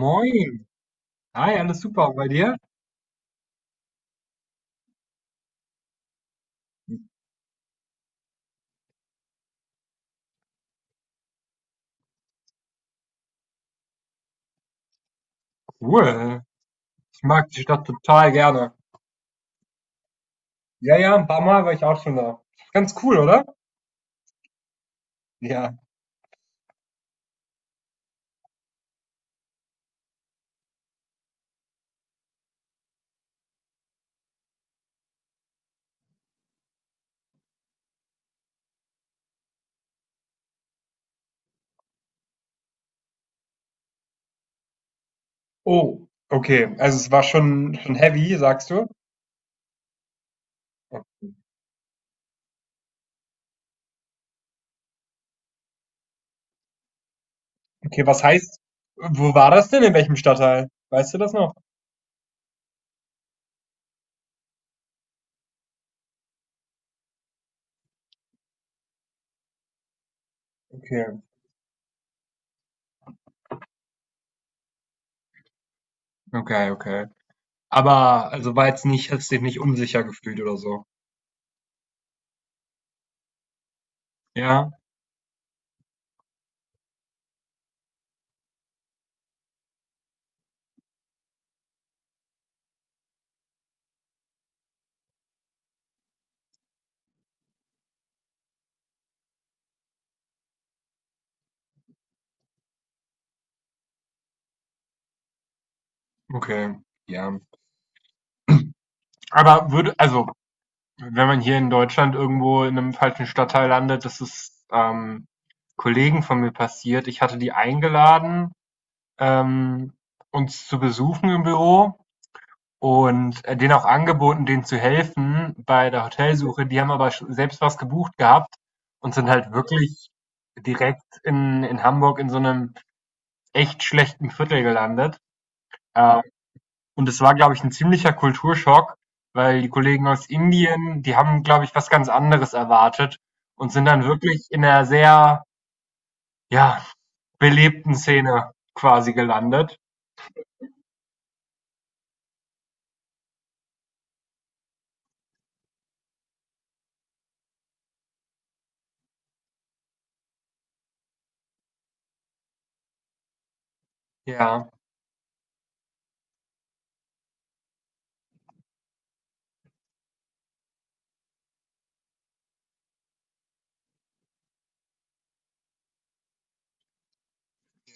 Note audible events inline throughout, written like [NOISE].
Moin. Hi, alles super. Und bei dir? Cool. Ich mag die Stadt total gerne. Ja, ja, ein paar Mal war ich auch schon da. Ganz cool, oder? Ja. Oh, okay. Also es war schon heavy, sagst du? Okay, was heißt, wo war das denn? In welchem Stadtteil? Weißt du das noch? Okay, okay, okay. Aber also war jetzt nicht, hast dich nicht unsicher gefühlt oder so. Ja, okay. Ja. Aber würde, also wenn man hier in Deutschland irgendwo in einem falschen Stadtteil landet, das ist, Kollegen von mir passiert. Ich hatte die eingeladen, ähm, uns zu besuchen im Büro und, denen auch angeboten, denen zu helfen bei der Hotelsuche. Die haben aber sch selbst was gebucht gehabt und sind halt wirklich direkt in Hamburg in so einem echt schlechten Viertel gelandet. Ähm und es war, glaube ich, ein ziemlicher Kulturschock, weil die Kollegen aus Indien, die haben, glaube ich, was ganz anderes erwartet und sind dann wirklich in einer sehr, ja, belebten Szene quasi gelandet. Ja,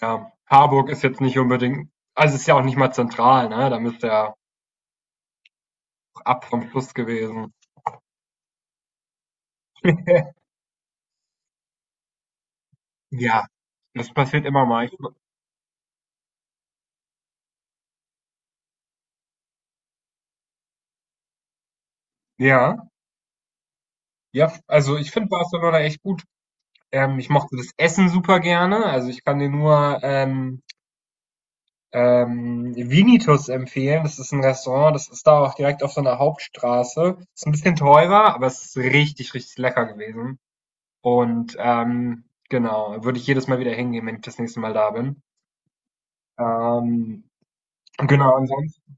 ja. Harburg ist jetzt nicht unbedingt also, ist ja auch nicht mal zentral, ne? Da müsste ja ab vom Fluss gewesen. [LAUGHS] Ja, das passiert immer mal. Ich ja, ja, also, ich finde Barcelona echt gut. Ich mochte das Essen super gerne. Also, ich kann dir nur, Vinitus empfehlen. Das ist ein Restaurant, das ist da auch direkt auf so einer Hauptstraße. Ist ein bisschen teurer, aber es ist richtig, richtig lecker gewesen. Und, genau, würde ich jedes Mal wieder hingehen, wenn ich das nächste Mal da bin. Ähm, genau, ansonsten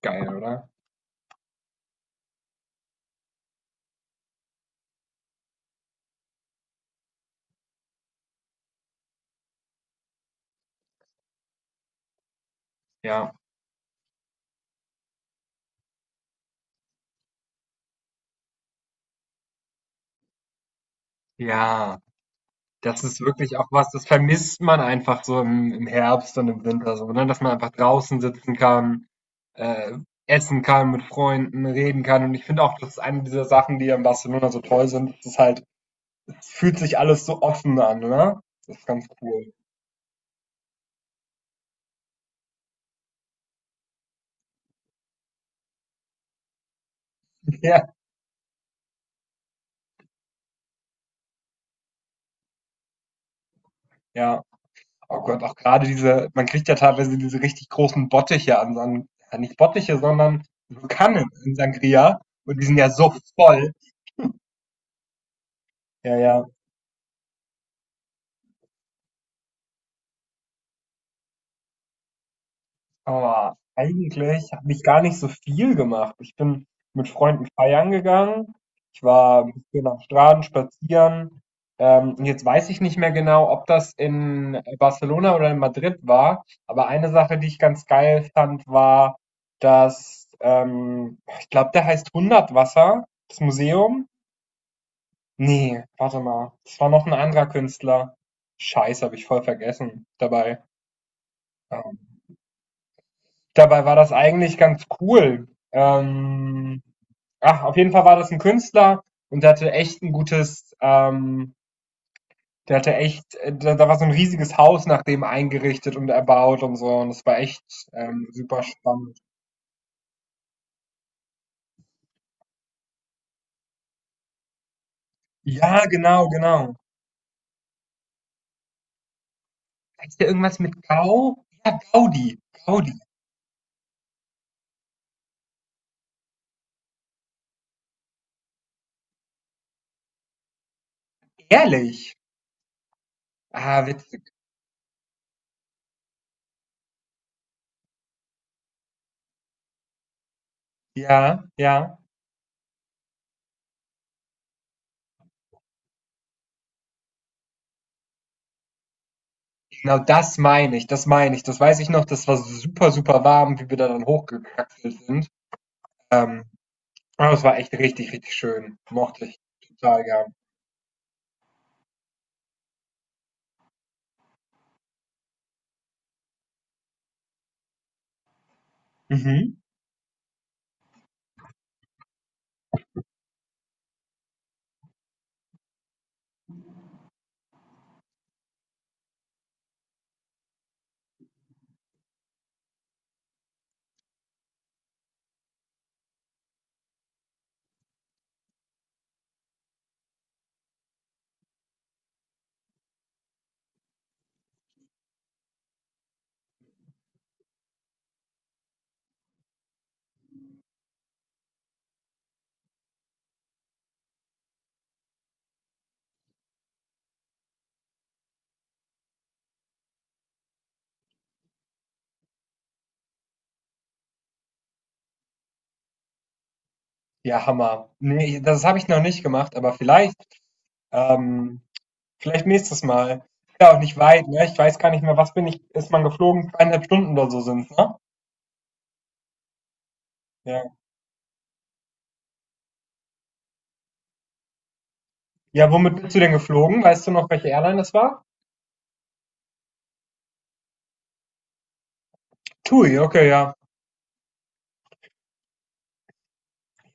geil, oder? Ja. Ja. Das ist wirklich auch was, das vermisst man einfach so im Herbst und im Winter so, ne? Dass man einfach draußen sitzen kann, äh, essen kann, mit Freunden reden kann. Und ich finde auch, das ist eine dieser Sachen, die an Barcelona so toll sind. Es ist halt es fühlt sich alles so offen an, ne? Das ist ganz cool. [LAUGHS] Ja, ja. Oh Gott, auch gerade diese man kriegt ja teilweise diese richtig großen Bottiche an so ja, nicht Bottiche, sondern so Kannen in Sangria und die sind ja so voll. Ja, ja. Oh, eigentlich habe ich gar nicht so viel gemacht. Ich bin mit Freunden feiern gegangen. Ich war ein bisschen am Strand spazieren. Und jetzt weiß ich nicht mehr genau, ob das in Barcelona oder in Madrid war. Aber eine Sache, die ich ganz geil fand, war, dass, ich glaube, der heißt Hundertwasser, das Museum. Nee, warte mal. Das war noch ein anderer Künstler. Scheiße, habe ich voll vergessen dabei. Ähm, Dabei war das eigentlich ganz cool. Ach, auf jeden Fall war das ein Künstler und der hatte echt ein gutes der hatte echt da war so ein riesiges Haus nach dem eingerichtet und erbaut und so und das war echt, super spannend. Ja, genau, genau. Heißt der irgendwas mit Gau? Ja, Gaudi, Gaudi, ehrlich? Ah, witzig. Ja, ja. Genau das meine ich, das meine ich. Das weiß ich noch, das war super, super warm, wie wir da dann hochgekraxelt sind. Ah, das war echt richtig, richtig schön. Mochte ich total gern. Mhm. Ja, Hammer. Ne, das habe ich noch nicht gemacht, aber vielleicht, ähm, vielleicht nächstes Mal. Ist ja auch nicht weit, ne? Ich weiß gar nicht mehr, was bin ich, ist man geflogen? Zweieinhalb Stunden oder so sind's, ne? Ja. Ja, womit bist du denn geflogen? Weißt du noch, welche Airline das war? TUI, okay, ja.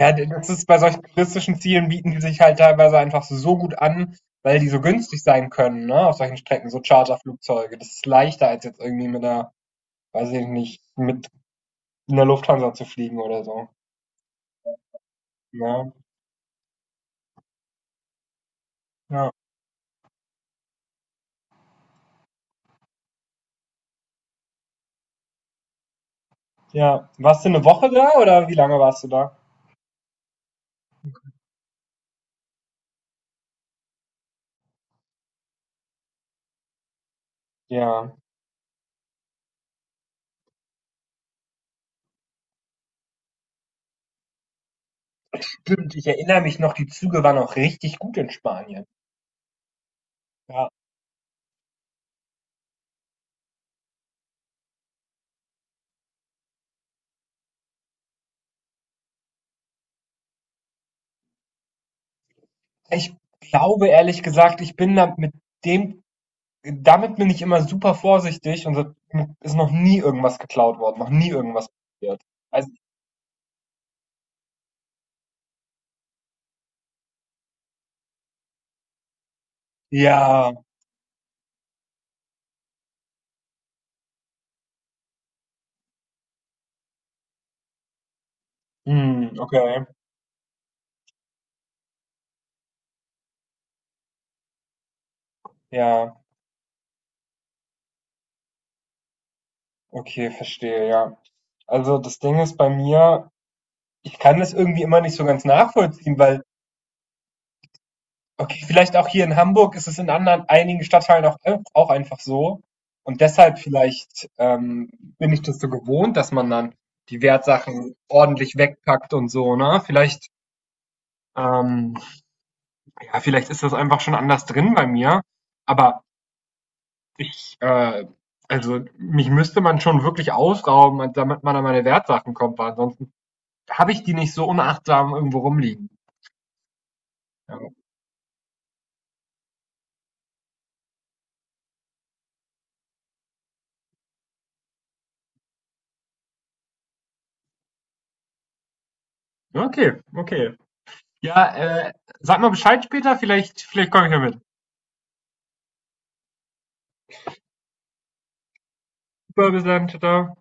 Ja, d- das ist bei solchen touristischen Zielen bieten die sich halt teilweise einfach so so gut an, weil die so günstig sein können, ne? Auf solchen Strecken, so Charterflugzeuge. Das ist leichter als jetzt irgendwie mit einer weiß ich nicht, mit in der Lufthansa zu fliegen oder so. Ja, ja, ja. Warst du eine Woche da oder wie lange warst du da? Ja, stimmt. Ich erinnere mich noch, die Züge waren auch richtig gut in Spanien. Ja. Ich glaube ehrlich gesagt, ich bin da mit dem, damit bin ich immer super vorsichtig und da ist noch nie irgendwas geklaut worden, noch nie irgendwas passiert. Also, ja, hm, okay, ja, okay, verstehe, ja. Also das Ding ist bei mir, ich kann das irgendwie immer nicht so ganz nachvollziehen, weil, okay, vielleicht auch hier in Hamburg ist es in anderen, einigen Stadtteilen auch, auch einfach so. Und deshalb vielleicht bin ich das so gewohnt, dass man dann die Wertsachen ordentlich wegpackt und so, ne? Vielleicht, ähm, ja, vielleicht ist das einfach schon anders drin bei mir. Aber ich, also mich müsste man schon wirklich ausrauben, damit man an meine Wertsachen kommt, weil ansonsten habe ich die nicht so unachtsam irgendwo rumliegen. Ja. Okay, okay. Ja, sag mal Bescheid später, vielleicht komme ich ja mit. Super, bis dann, tschau, tschau.